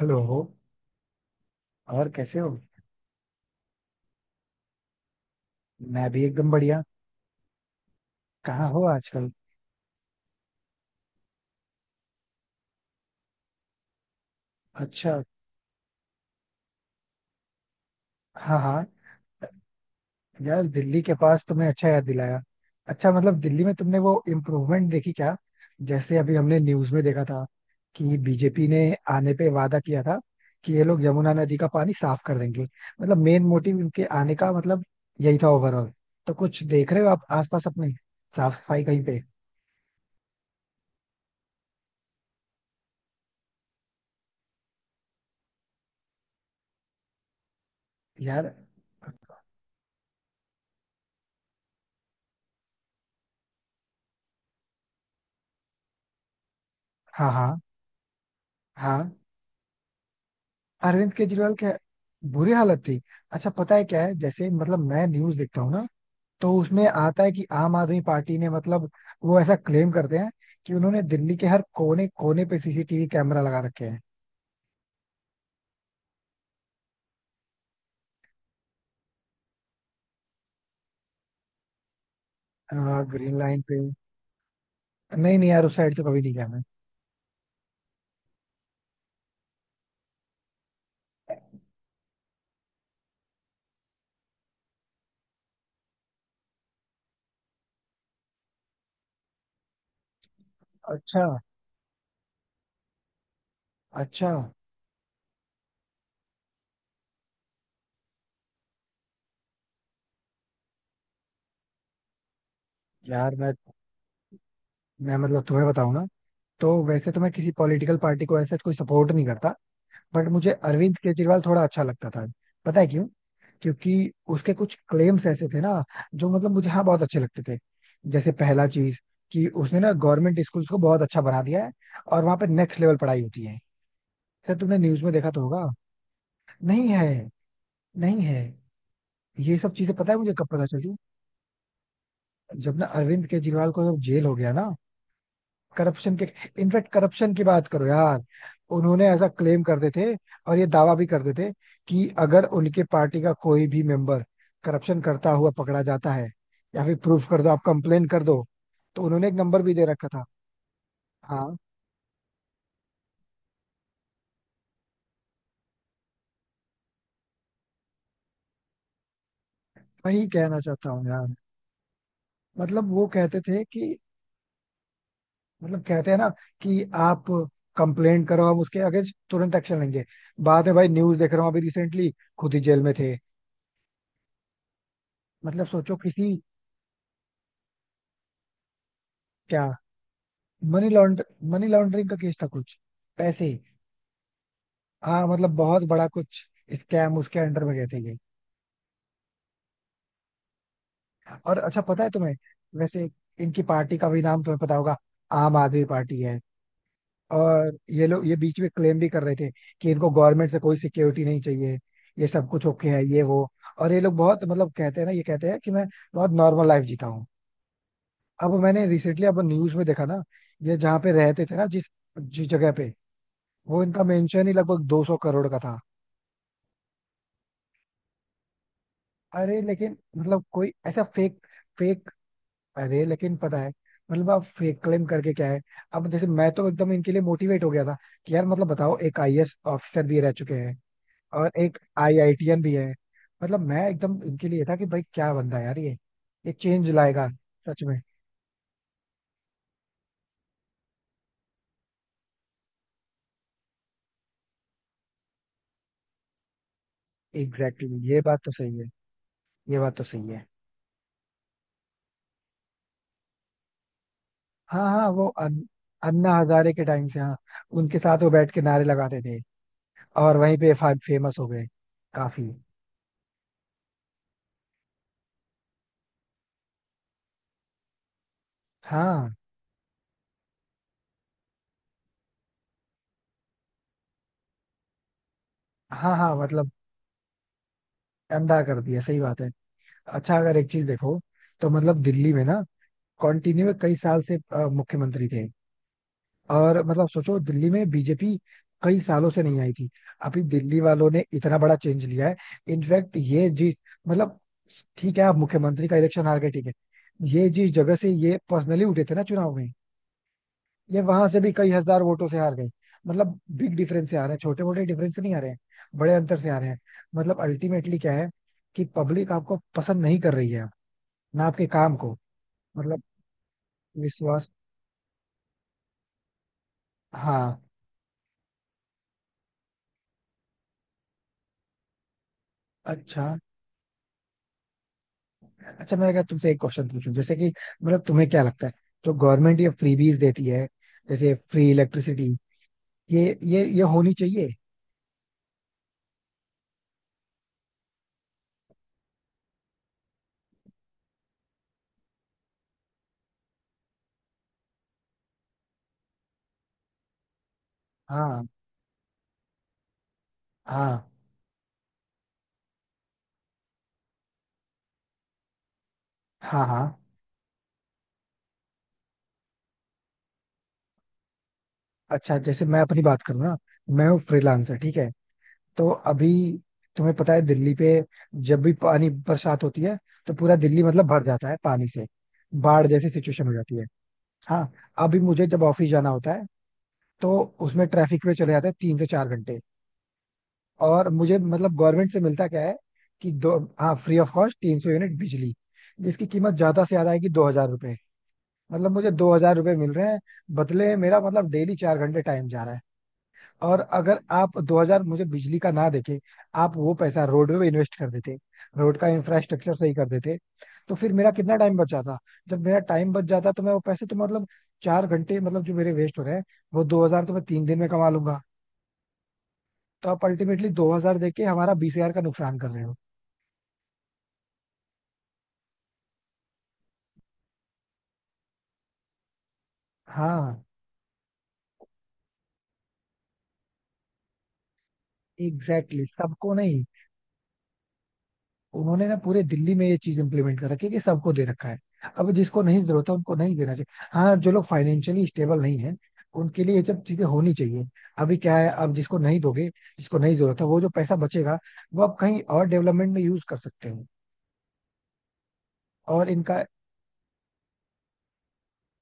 Hello. और कैसे हो? मैं भी एकदम बढ़िया। कहाँ हो आजकल? अच्छा। हाँ हाँ। यार दिल्ली के पास तुमने अच्छा याद दिलाया। अच्छा मतलब दिल्ली में तुमने वो इम्प्रूवमेंट देखी क्या? जैसे अभी हमने न्यूज में देखा था कि बीजेपी ने आने पे वादा किया था कि ये लोग यमुना नदी का पानी साफ कर देंगे। मतलब मेन मोटिव इनके आने का मतलब यही था ओवरऑल। तो कुछ देख रहे हो आप आसपास अपने साफ सफाई कहीं पे? यार। हाँ हाँ हाँ। अरविंद केजरीवाल क्या बुरी हालत थी। अच्छा पता है क्या है, जैसे मतलब मैं न्यूज देखता हूँ ना, तो उसमें आता है कि आम आदमी पार्टी ने मतलब वो ऐसा क्लेम करते हैं कि उन्होंने दिल्ली के हर कोने कोने पे सीसीटीवी कैमरा लगा रखे हैं। हाँ ग्रीन लाइन पे, नहीं नहीं यार उस साइड तो कभी नहीं गया मैं। अच्छा अच्छा। यार मैं मतलब तुम्हें बताऊँ ना, तो वैसे तो मैं किसी पॉलिटिकल पार्टी को ऐसे कोई सपोर्ट नहीं करता, बट मुझे अरविंद केजरीवाल थोड़ा अच्छा लगता था। पता है क्यों? क्योंकि उसके कुछ क्लेम्स ऐसे थे ना, जो मतलब मुझे हाँ बहुत अच्छे लगते थे। जैसे पहला चीज कि उसने ना गवर्नमेंट स्कूल्स को बहुत अच्छा बना दिया है और वहां पे नेक्स्ट लेवल पढ़ाई होती है। सर तुमने न्यूज में देखा तो होगा। नहीं है। नहीं है। ये सब चीजें पता है मुझे कब पता चली? जब ना अरविंद केजरीवाल को जब जेल हो गया ना करप्शन के। इनफैक्ट करप्शन की बात करो यार, उन्होंने ऐसा क्लेम करते थे और ये दावा भी करते थे कि अगर उनके पार्टी का कोई भी मेंबर करप्शन करता हुआ पकड़ा जाता है, या फिर प्रूफ कर दो, आप कंप्लेन कर दो, तो उन्होंने एक नंबर भी दे रखा था। हाँ वही कहना चाहता हूँ यार। मतलब वो कहते थे कि, मतलब कहते हैं ना कि आप कंप्लेंट करो, हम उसके अगेंस्ट तुरंत एक्शन लेंगे। बाद में भाई न्यूज देख रहा हूँ अभी रिसेंटली, खुद ही जेल में थे। मतलब सोचो किसी। क्या? मनी लॉन्ड मनी लॉन्ड्रिंग का केस था कुछ, पैसे ही। हाँ मतलब बहुत बड़ा कुछ स्कैम उसके अंडर में गए थे ये। और अच्छा पता है तुम्हें वैसे, इनकी पार्टी का भी नाम तुम्हें पता होगा, आम आदमी पार्टी है। और ये लोग ये बीच में क्लेम भी कर रहे थे कि इनको गवर्नमेंट से कोई सिक्योरिटी नहीं चाहिए, ये सब कुछ ओके है ये वो। और ये लोग बहुत मतलब कहते हैं ना, ये कहते हैं कि मैं बहुत नॉर्मल लाइफ जीता हूँ। अब मैंने रिसेंटली अब न्यूज में देखा ना, ये जहाँ पे रहते थे ना, जिस जिस जगह पे, वो इनका मेंशन ही लगभग 200 करोड़ का था। अरे लेकिन मतलब कोई ऐसा फेक, फेक, अरे लेकिन पता है मतलब आप फेक क्लेम करके क्या है? अब जैसे मैं तो एकदम इनके लिए मोटिवेट हो गया था कि यार मतलब बताओ एक आईएएस ऑफिसर भी रह चुके हैं और एक आईआईटीएन भी है। मतलब मैं एकदम इनके लिए था कि भाई क्या बंदा है यार ये चेंज लाएगा सच में। एग्जैक्टली exactly, ये बात तो सही है, ये बात तो सही है। हाँ हाँ अन्ना हजारे के टाइम से हाँ, उनके साथ वो बैठ के नारे लगाते थे और वहीं पे फेमस हो गए काफी। हाँ हाँ हाँ मतलब अंधा कर दिया, सही बात है। अच्छा अगर एक चीज देखो, तो मतलब दिल्ली में ना कंटिन्यू कई साल से मुख्यमंत्री थे। और मतलब सोचो दिल्ली में बीजेपी कई सालों से नहीं आई थी, अभी दिल्ली वालों ने इतना बड़ा चेंज लिया है। इनफैक्ट ये जी मतलब, ठीक है आप मुख्यमंत्री का इलेक्शन हार गए ठीक है, ये जिस जगह से ये पर्सनली उठे थे ना चुनाव में, ये वहां से भी कई हज़ार वोटों से हार गई। मतलब बिग डिफरेंस से आ रहे हैं, छोटे मोटे डिफरेंस से नहीं आ रहे हैं, बड़े अंतर से आ रहे हैं। मतलब अल्टीमेटली क्या है कि पब्लिक आपको पसंद नहीं कर रही है अब, ना आपके काम को। मतलब विश्वास। हाँ। अच्छा। अच्छा मैं अगर तुमसे एक क्वेश्चन पूछूं, जैसे कि मतलब तुम्हें क्या लगता है जो गवर्नमेंट ये फ्रीबीज देती है जैसे फ्री इलेक्ट्रिसिटी, ये ये ये होनी चाहिए? हाँ हाँ हाँ हाँ। अच्छा जैसे मैं अपनी बात करूँ ना, मैं हूँ फ्रीलांसर ठीक है। तो अभी तुम्हें पता है दिल्ली पे जब भी पानी बरसात होती है तो पूरा दिल्ली मतलब भर जाता है पानी से, बाढ़ जैसी सिचुएशन हो जाती है। हाँ अभी मुझे जब ऑफिस जाना होता है तो उसमें ट्रैफिक में चले जाते हैं 3 से 4 घंटे। और मुझे मतलब गवर्नमेंट से मिलता क्या है कि दो हाँ फ्री ऑफ कॉस्ट 300 यूनिट बिजली, जिसकी कीमत ज्यादा से ज्यादा आएगी 2,000 रुपए। मतलब मुझे 2,000 रुपए मिल रहे हैं, बदले में मेरा मतलब डेली 4 घंटे टाइम जा रहा है। और अगर आप 2000 मुझे बिजली का ना देके, आप वो पैसा रोड में इन्वेस्ट कर देते, रोड का इंफ्रास्ट्रक्चर सही कर देते, तो फिर मेरा कितना टाइम बच जाता। जब मेरा टाइम बच जाता तो मैं वो पैसे तो मतलब, 4 घंटे मतलब जो मेरे वेस्ट हो रहे हैं, वो 2000 तो मैं 3 दिन में कमा लूंगा। तो आप अल्टीमेटली 2000 देके हमारा 20,000 का नुकसान कर रहे हो। हाँ एग्जैक्टली exactly, सबको नहीं। उन्होंने ना पूरे दिल्ली में ये चीज इम्प्लीमेंट कर रखी है कि सबको दे रखा है, अब जिसको नहीं जरूरत है उनको नहीं देना चाहिए। हाँ जो लोग फाइनेंशियली स्टेबल नहीं है उनके लिए ये सब चीजें होनी चाहिए। अभी क्या है, अब जिसको नहीं दोगे, जिसको नहीं जरूरत है, वो जो पैसा बचेगा वो आप कहीं और डेवलपमेंट में यूज कर सकते हो। और इनका,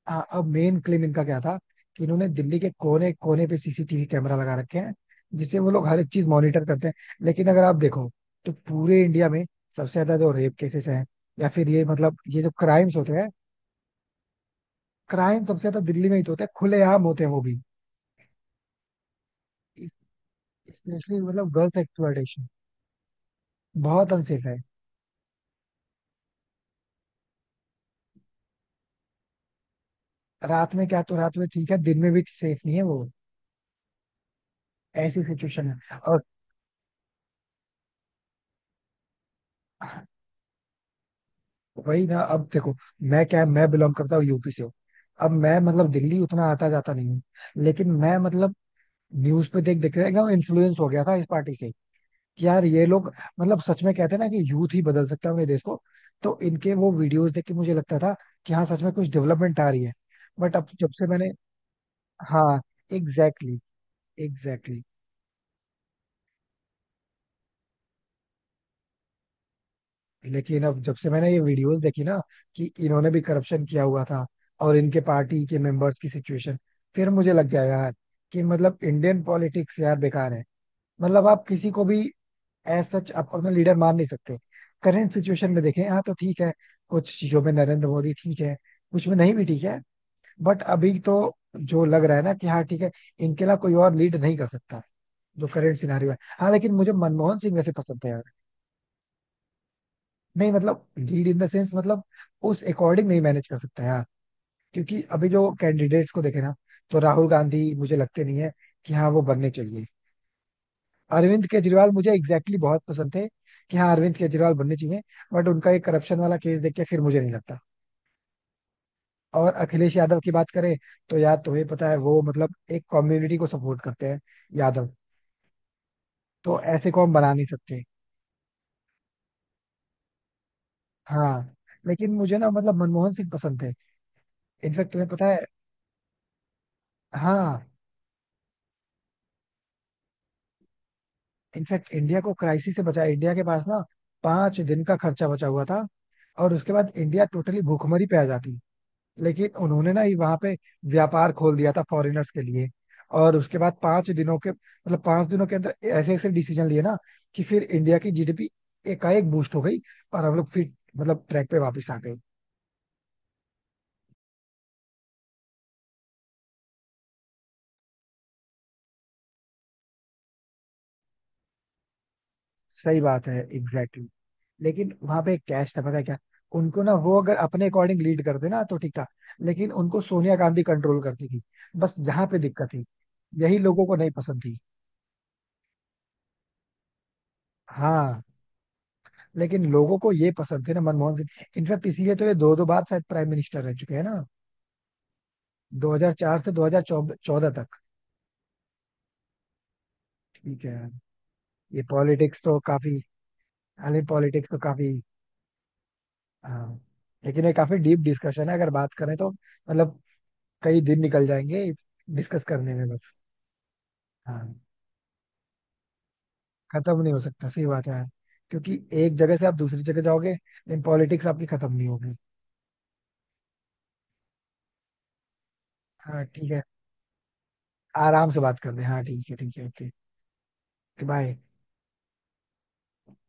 हाँ, अब मेन क्लेम इनका क्या था कि इन्होंने दिल्ली के कोने कोने पे सीसीटीवी कैमरा लगा रखे हैं जिससे वो लोग हर एक चीज मॉनिटर करते हैं। लेकिन अगर आप देखो तो पूरे इंडिया में सबसे ज्यादा जो रेप केसेस हैं या फिर ये मतलब ये जो क्राइम्स होते हैं, क्राइम सबसे ज्यादा दिल्ली में ही तो होता है, खुलेआम होते हैं वो भी। स्पेशली मतलब गर्ल्स एक्सप्लॉयटेशन, बहुत अनसेफ है। रात में क्या, तो रात में ठीक है दिन में भी सेफ नहीं है वो। ऐसी सिचुएशन है। और वही ना अब देखो, मैं क्या मैं बिलोंग करता हूँ यूपी से हूँ, अब मैं मतलब दिल्ली उतना आता जाता नहीं हूँ। लेकिन मैं मतलब न्यूज पे देख देख के एकदम इन्फ्लुएंस हो गया था इस पार्टी से कि यार ये लोग, मतलब सच में कहते हैं ना कि यूथ ही बदल सकता है अपने देश को। तो इनके वो वीडियोस देख के मुझे लगता था कि हाँ सच में कुछ डेवलपमेंट आ रही है। बट अब जब से मैंने, हाँ एग्जैक्टली exactly, एग्जैक्टली exactly. लेकिन अब जब से मैंने ये वीडियोस देखी ना कि इन्होंने भी करप्शन किया हुआ था और इनके पार्टी के मेंबर्स की सिचुएशन, फिर मुझे लग गया यार कि मतलब इंडियन पॉलिटिक्स यार बेकार है। मतलब आप किसी को भी एज सच आप अपना लीडर मान नहीं सकते। करंट सिचुएशन में देखें हाँ तो ठीक है, कुछ चीजों में नरेंद्र मोदी ठीक है, कुछ में नहीं भी ठीक है। बट अभी तो जो लग रहा है ना कि हाँ ठीक है इनके अलावा कोई और लीड नहीं कर सकता जो करंट सिनारियो है। हाँ लेकिन मुझे मनमोहन सिंह वैसे पसंद है यार. नहीं मतलब लीड इन द सेंस मतलब उस अकॉर्डिंग नहीं मैनेज कर सकता यार, क्योंकि अभी जो कैंडिडेट्स को देखे ना, तो राहुल गांधी मुझे लगते नहीं है कि हाँ वो बनने चाहिए। अरविंद केजरीवाल मुझे एग्जैक्टली exactly बहुत पसंद थे कि हाँ अरविंद केजरीवाल बनने चाहिए, बट उनका एक करप्शन वाला केस देख के फिर मुझे नहीं लगता। और अखिलेश यादव की बात करें तो यार तुम्हें पता है वो मतलब एक कम्युनिटी को सपोर्ट करते हैं, यादव, तो ऐसे को हम बना नहीं सकते। हाँ लेकिन मुझे ना मतलब मनमोहन सिंह पसंद थे, इनफैक्ट तुम्हें पता है। हाँ इनफैक्ट इंडिया को क्राइसिस से बचाया, इंडिया के पास ना 5 दिन का खर्चा बचा हुआ था, और उसके बाद इंडिया टोटली भूखमरी पे आ जाती। लेकिन उन्होंने ना ही वहां पे व्यापार खोल दिया था फॉरेनर्स के लिए, और उसके बाद 5 दिनों के मतलब 5 दिनों के अंदर ऐसे ऐसे डिसीजन लिए ना कि फिर इंडिया की जीडीपी एकाएक बूस्ट हो गई, और हम लोग फिर मतलब ट्रैक पे वापस आ गए। सही बात है एग्जैक्टली। लेकिन वहां पे एक कैश था पता है क्या, उनको ना वो अगर अपने अकॉर्डिंग लीड करते ना तो ठीक था, लेकिन उनको सोनिया गांधी कंट्रोल करती थी, बस यहाँ पे दिक्कत थी, यही लोगों को नहीं पसंद थी। हाँ लेकिन लोगों को ये पसंद थे ना मनमोहन सिंह, इनफैक्ट इसीलिए तो ये दो दो बार शायद प्राइम मिनिस्टर रह चुके हैं ना, 2004 से 2014 तक। ठीक है ये पॉलिटिक्स तो काफी, हालांकि पॉलिटिक्स तो काफी, हाँ लेकिन ये काफी डीप डिस्कशन है अगर बात करें तो मतलब कई दिन निकल जाएंगे डिस्कस करने में बस। हाँ खत्म नहीं हो सकता सही बात है यार, क्योंकि एक जगह से आप दूसरी जगह जाओगे लेकिन पॉलिटिक्स आपकी खत्म नहीं होगी। हाँ ठीक है, आराम से बात कर दे। हाँ ठीक है ओके। बाय।